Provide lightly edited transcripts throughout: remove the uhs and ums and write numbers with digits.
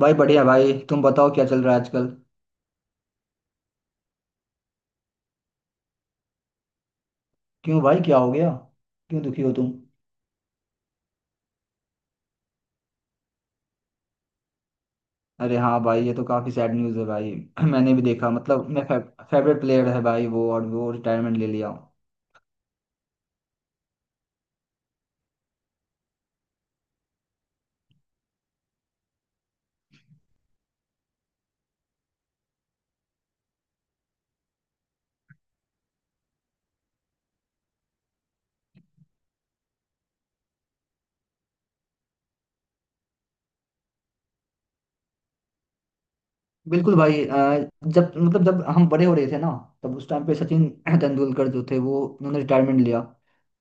भाई बढ़िया भाई, तुम बताओ क्या चल रहा है आजकल। क्यों भाई, क्या हो गया? क्यों दुखी हो तुम? अरे हाँ भाई, ये तो काफी सैड न्यूज़ है भाई। मैंने भी देखा, मतलब मैं फेवरेट प्लेयर है भाई वो, और वो रिटायरमेंट ले लिया। बिल्कुल भाई। जब मतलब जब हम बड़े हो रहे थे ना, तब उस टाइम पे सचिन तेंदुलकर जो थे वो, उन्होंने रिटायरमेंट लिया।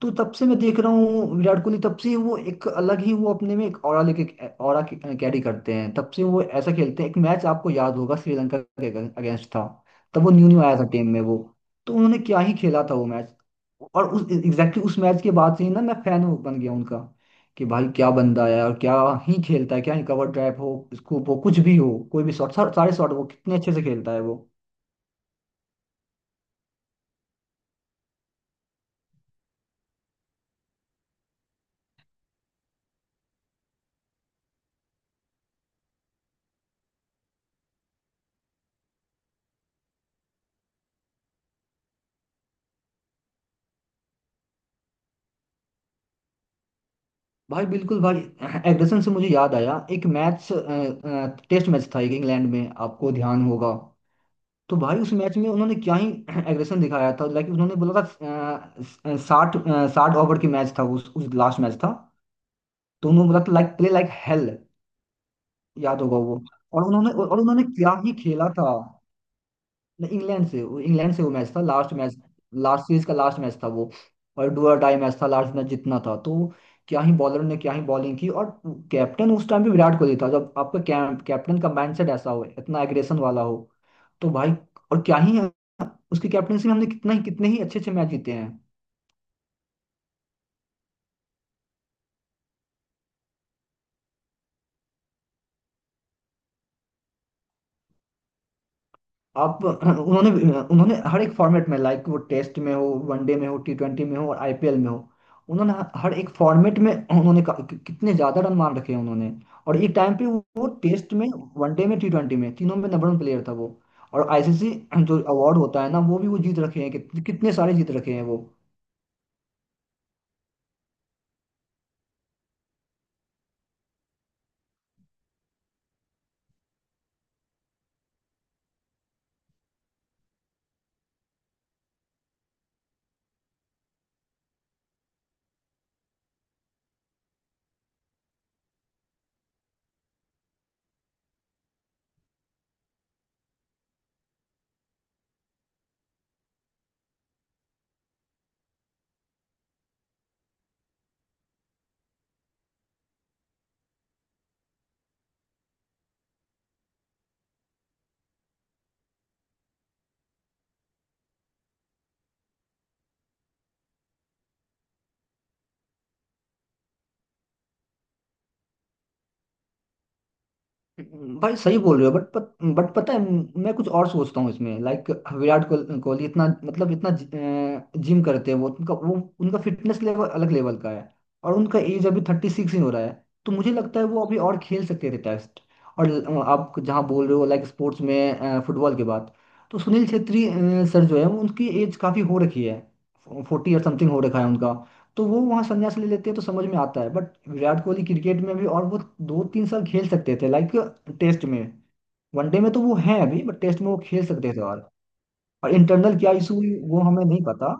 तो तब से मैं देख रहा हूँ, विराट कोहली तब से वो एक अलग ही, वो अपने में एक ऑरा लेके ऑरा कैरी करते हैं। तब से वो ऐसा खेलते हैं। एक मैच आपको याद होगा, श्रीलंका के अगेंस्ट था। तब वो न्यू न्यू आया था टीम में वो। तो उन्होंने क्या ही खेला था वो मैच। और उस एग्जैक्टली उस मैच के बाद से ही ना, मैं फैन बन गया उनका। कि भाई क्या बंदा है, और क्या ही खेलता है, क्या ही कवर ड्राइव हो, स्कूप हो, कुछ भी हो, कोई भी शॉट, सारे शॉट वो कितने अच्छे से खेलता है वो। भाई बिल्कुल भाई। एग्रेशन से मुझे याद आया एक मैच, टेस्ट मैच था एक, इंग्लैंड में आपको ध्यान होगा। तो भाई उस मैच में उन्होंने क्या ही एग्रेशन दिखाया था। लाइक उन्होंने बोला था, साठ साठ ओवर की मैच था, उस लास्ट मैच था। तो उन्होंने बोला था, लाइक प्ले लाइक हेल। याद होगा वो। और उन्होंने क्या ही खेला था। नहीं, इंग्लैंड से वो मैच था लास्ट मैच। लास्ट सीरीज का लास्ट मैच था वो। और डू और डाई मैच था, लास्ट मैच जितना था तो क्या ही बॉलर ने क्या ही बॉलिंग की। और कैप्टन उस टाइम भी विराट कोहली था। जब आपका कैप्टन का माइंडसेट ऐसा हो, इतना एग्रेशन वाला हो, तो भाई और क्या ही है। उसकी कैप्टनसी में हमने कितना ही, कितने ही अच्छे अच्छे मैच जीते हैं। आप उन्होंने, उन्होंने हर एक फॉर्मेट में, लाइक वो टेस्ट में हो, वनडे में हो, T20 में हो, और IPL में हो। उन्होंने हर एक फॉर्मेट में उन्होंने कितने ज्यादा रन मार रखे हैं उन्होंने। और एक टाइम पे वो टेस्ट में, वनडे में, T20 में, तीनों में नंबर वन प्लेयर था वो। और ICC जो अवार्ड होता है ना, वो भी वो जीत रखे हैं, कितने सारे जीत रखे हैं वो। भाई सही बोल रहे हो बट बट पता है, मैं कुछ और सोचता हूँ इसमें, लाइक विराट कोहली इतना, मतलब इतना जिम करते हैं वो, उनका वो उनका फिटनेस लेवल अलग लेवल का है। और उनका एज अभी 36 ही हो रहा है। तो मुझे लगता है वो अभी और खेल सकते थे टेस्ट। और आप जहाँ बोल रहे हो, लाइक स्पोर्ट्स में फुटबॉल के बाद, तो सुनील छेत्री सर जो है वो, उनकी एज काफ़ी हो रखी है। 40 या समथिंग हो रखा है उनका। तो वो वहाँ संन्यास ले लेते हैं तो समझ में आता है, बट विराट कोहली क्रिकेट में भी, और वो दो तीन साल खेल सकते थे लाइक टेस्ट में। वनडे में तो वो हैं अभी, बट टेस्ट में वो खेल सकते थे। और इंटरनल क्या इशू, वो हमें नहीं पता।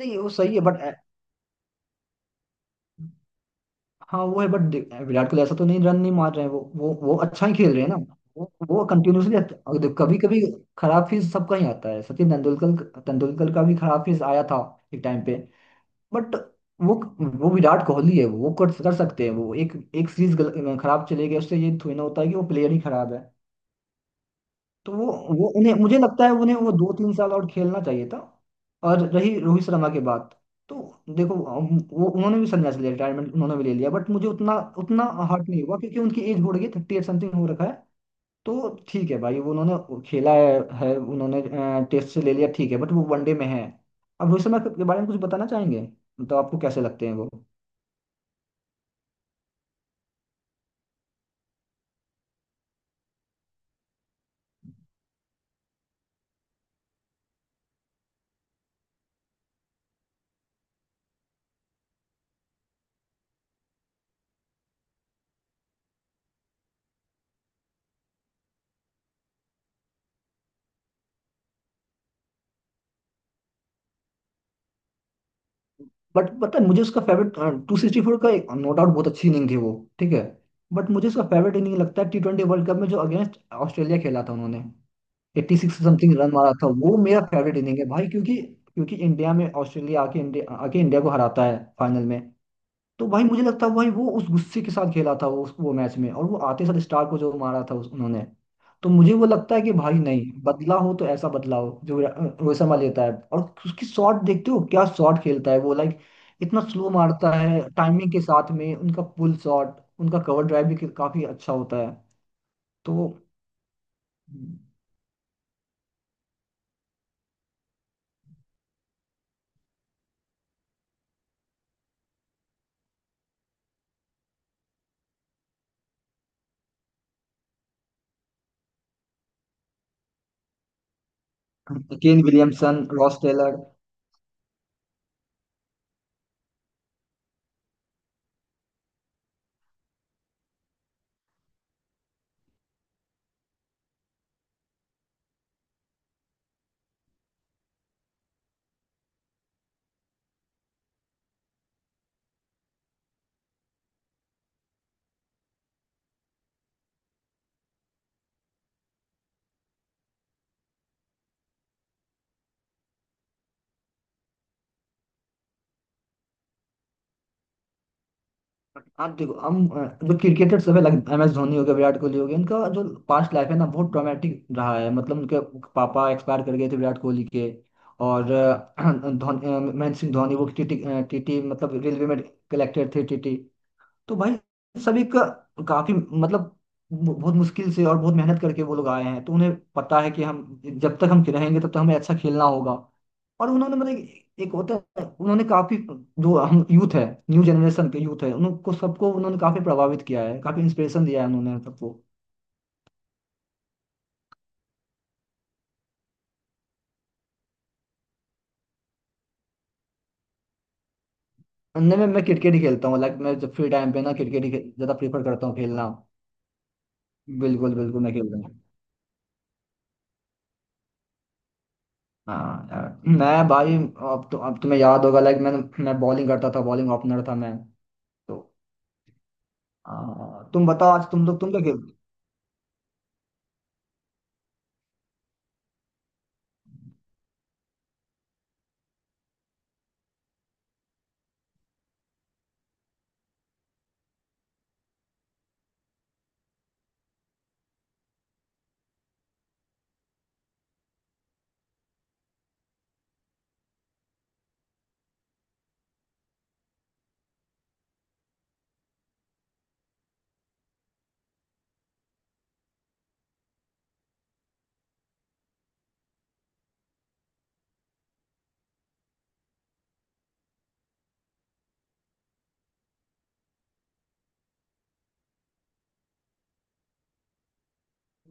नहीं वो सही है बट, हाँ वो है बट, विराट कोहली ऐसा तो नहीं, रन नहीं मार रहे हैं वो, वो अच्छा ही खेल रहे हैं ना। वो कंटिन्यूसली, कभी कभी खराब फीस सबका ही आता है। सचिन तेंदुलकर तेंदुलकर का भी खराब फीस आया था एक टाइम पे। बट वो वो विराट कोहली है, वो कर कर सकते हैं। वो एक एक सीरीज खराब चले गए उससे ये थोड़ी ना होता है कि वो प्लेयर ही खराब है। तो वो उन्हें मुझे लगता है, उन्हें वो दो तीन साल और खेलना चाहिए था। और रही रोहित शर्मा की बात, तो देखो, वो उन्होंने भी संन्यास लिया, रिटायरमेंट उन्होंने भी ले लिया, बट मुझे उतना उतना हर्ट नहीं हुआ, क्योंकि उनकी एज हो रही है, 38 समथिंग हो रखा है। तो ठीक है भाई, वो उन्होंने खेला है उन्होंने। टेस्ट से ले लिया ठीक है, बट वो वनडे में है। अब रोहित शर्मा के बारे में कुछ बताना चाहेंगे, मतलब आपको कैसे लगते हैं वो? बट पता है, मुझे उसका फेवरेट 264 का, एक नो डाउट बहुत अच्छी इनिंग थी वो, ठीक है। बट मुझे उसका फेवरेट इनिंग लगता है T20 वर्ल्ड कप में, जो अगेंस्ट ऑस्ट्रेलिया खेला था उन्होंने। 86 समथिंग रन मारा था वो, मेरा फेवरेट इनिंग है भाई, क्योंकि क्योंकि इंडिया में ऑस्ट्रेलिया आके, इंडिया को हराता है फाइनल में। तो भाई मुझे लगता है भाई वो उस गुस्से के साथ खेला था, वो मैच में, और वो आते साथ स्टार को जो मारा था उस उन्होंने। तो मुझे वो लगता है कि भाई नहीं, बदला हो तो ऐसा बदला हो जो रोहित शर्मा लेता है। और उसकी शॉट देखते हो, क्या शॉट खेलता है वो, लाइक इतना स्लो मारता है टाइमिंग के साथ में, उनका पुल शॉट, उनका कवर ड्राइव भी काफी अच्छा होता है। तो केन विलियमसन, रॉस टेलर। आप देखो हम जो क्रिकेटर सब है, लाइक MS धोनी हो गया, विराट कोहली हो गया, इनका जो पास्ट लाइफ है ना बहुत ट्रॉमेटिक रहा है, मतलब उनके पापा एक्सपायर कर गए थे विराट कोहली के। और धोनी महेंद्र सिंह धोनी वो TT। TT मतलब रेलवे में कलेक्टर थे TT। तो भाई सभी का काफी, मतलब बहुत मुश्किल से और बहुत मेहनत करके वो लोग आए हैं, तो उन्हें पता है कि हम जब तक हम रहेंगे तब तक हमें अच्छा खेलना होगा। और उन्होंने, मतलब एक एक होता है उन्होंने काफी, जो हम यूथ है, न्यू जनरेशन के यूथ है, उनको सबको उन्होंने काफी प्रभावित किया है, काफी इंस्पिरेशन दिया है उन्होंने सबको। नहीं, मैं क्रिकेट ही खेलता हूँ, लाइक मैं जब फ्री टाइम पे ना क्रिकेट ही ज्यादा प्रेफर करता हूँ खेलना। बिल्कुल बिल्कुल, मैं खेलता हूँ। हाँ यार, मैं भाई अब तो, अब तुम्हें याद होगा लाइक, मैं बॉलिंग करता था, बॉलिंग ओपनर था मैं तो। हाँ, तुम बताओ आज तुम लोग, तुम क्या खेलते हो?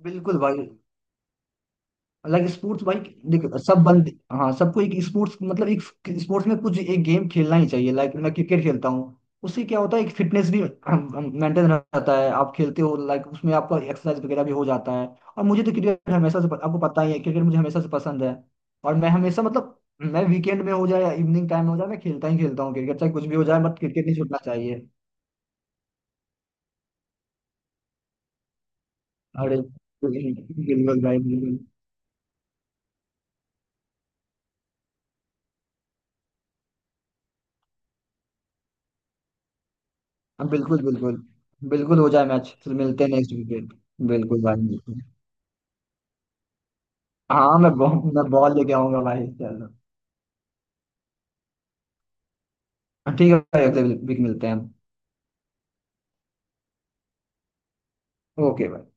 बिल्कुल भाई, लाइक स्पोर्ट्स भाई, देखो सब बंदे, हाँ, सबको एक स्पोर्ट्स, मतलब एक स्पोर्ट्स में कुछ एक गेम खेलना ही चाहिए, लाइक मैं क्रिकेट खेलता हूँ। उससे क्या होता है, एक फिटनेस भी मेंटेन रहता है, आप खेलते हो लाइक, उसमें आपका एक्सरसाइज वगैरह भी हो जाता है। और मुझे तो क्रिकेट हमेशा से आपको पता ही है, क्रिकेट मुझे हमेशा से पसंद है। और मैं हमेशा, मतलब मैं वीकेंड में हो जाए या इवनिंग टाइम में हो जाए, मैं खेलता ही खेलता हूँ क्रिकेट, चाहे कुछ भी हो जाए बट क्रिकेट नहीं छूटना चाहिए। अरे बिल्कुल भाई, बिल्कुल। हाँ बिल्कुल, बिल्कुल। बिल्कुल हो जाए मैच, फिर मिलते हैं नेक्स्ट वीकेंड। बिल्कुल भाई, मिलते हैं। हाँ, मैं बॉल लेके आऊंगा भाई, चलो। हाँ, ठीक है भाई, अगले वीक मिलते हैं हम। ओके भाई।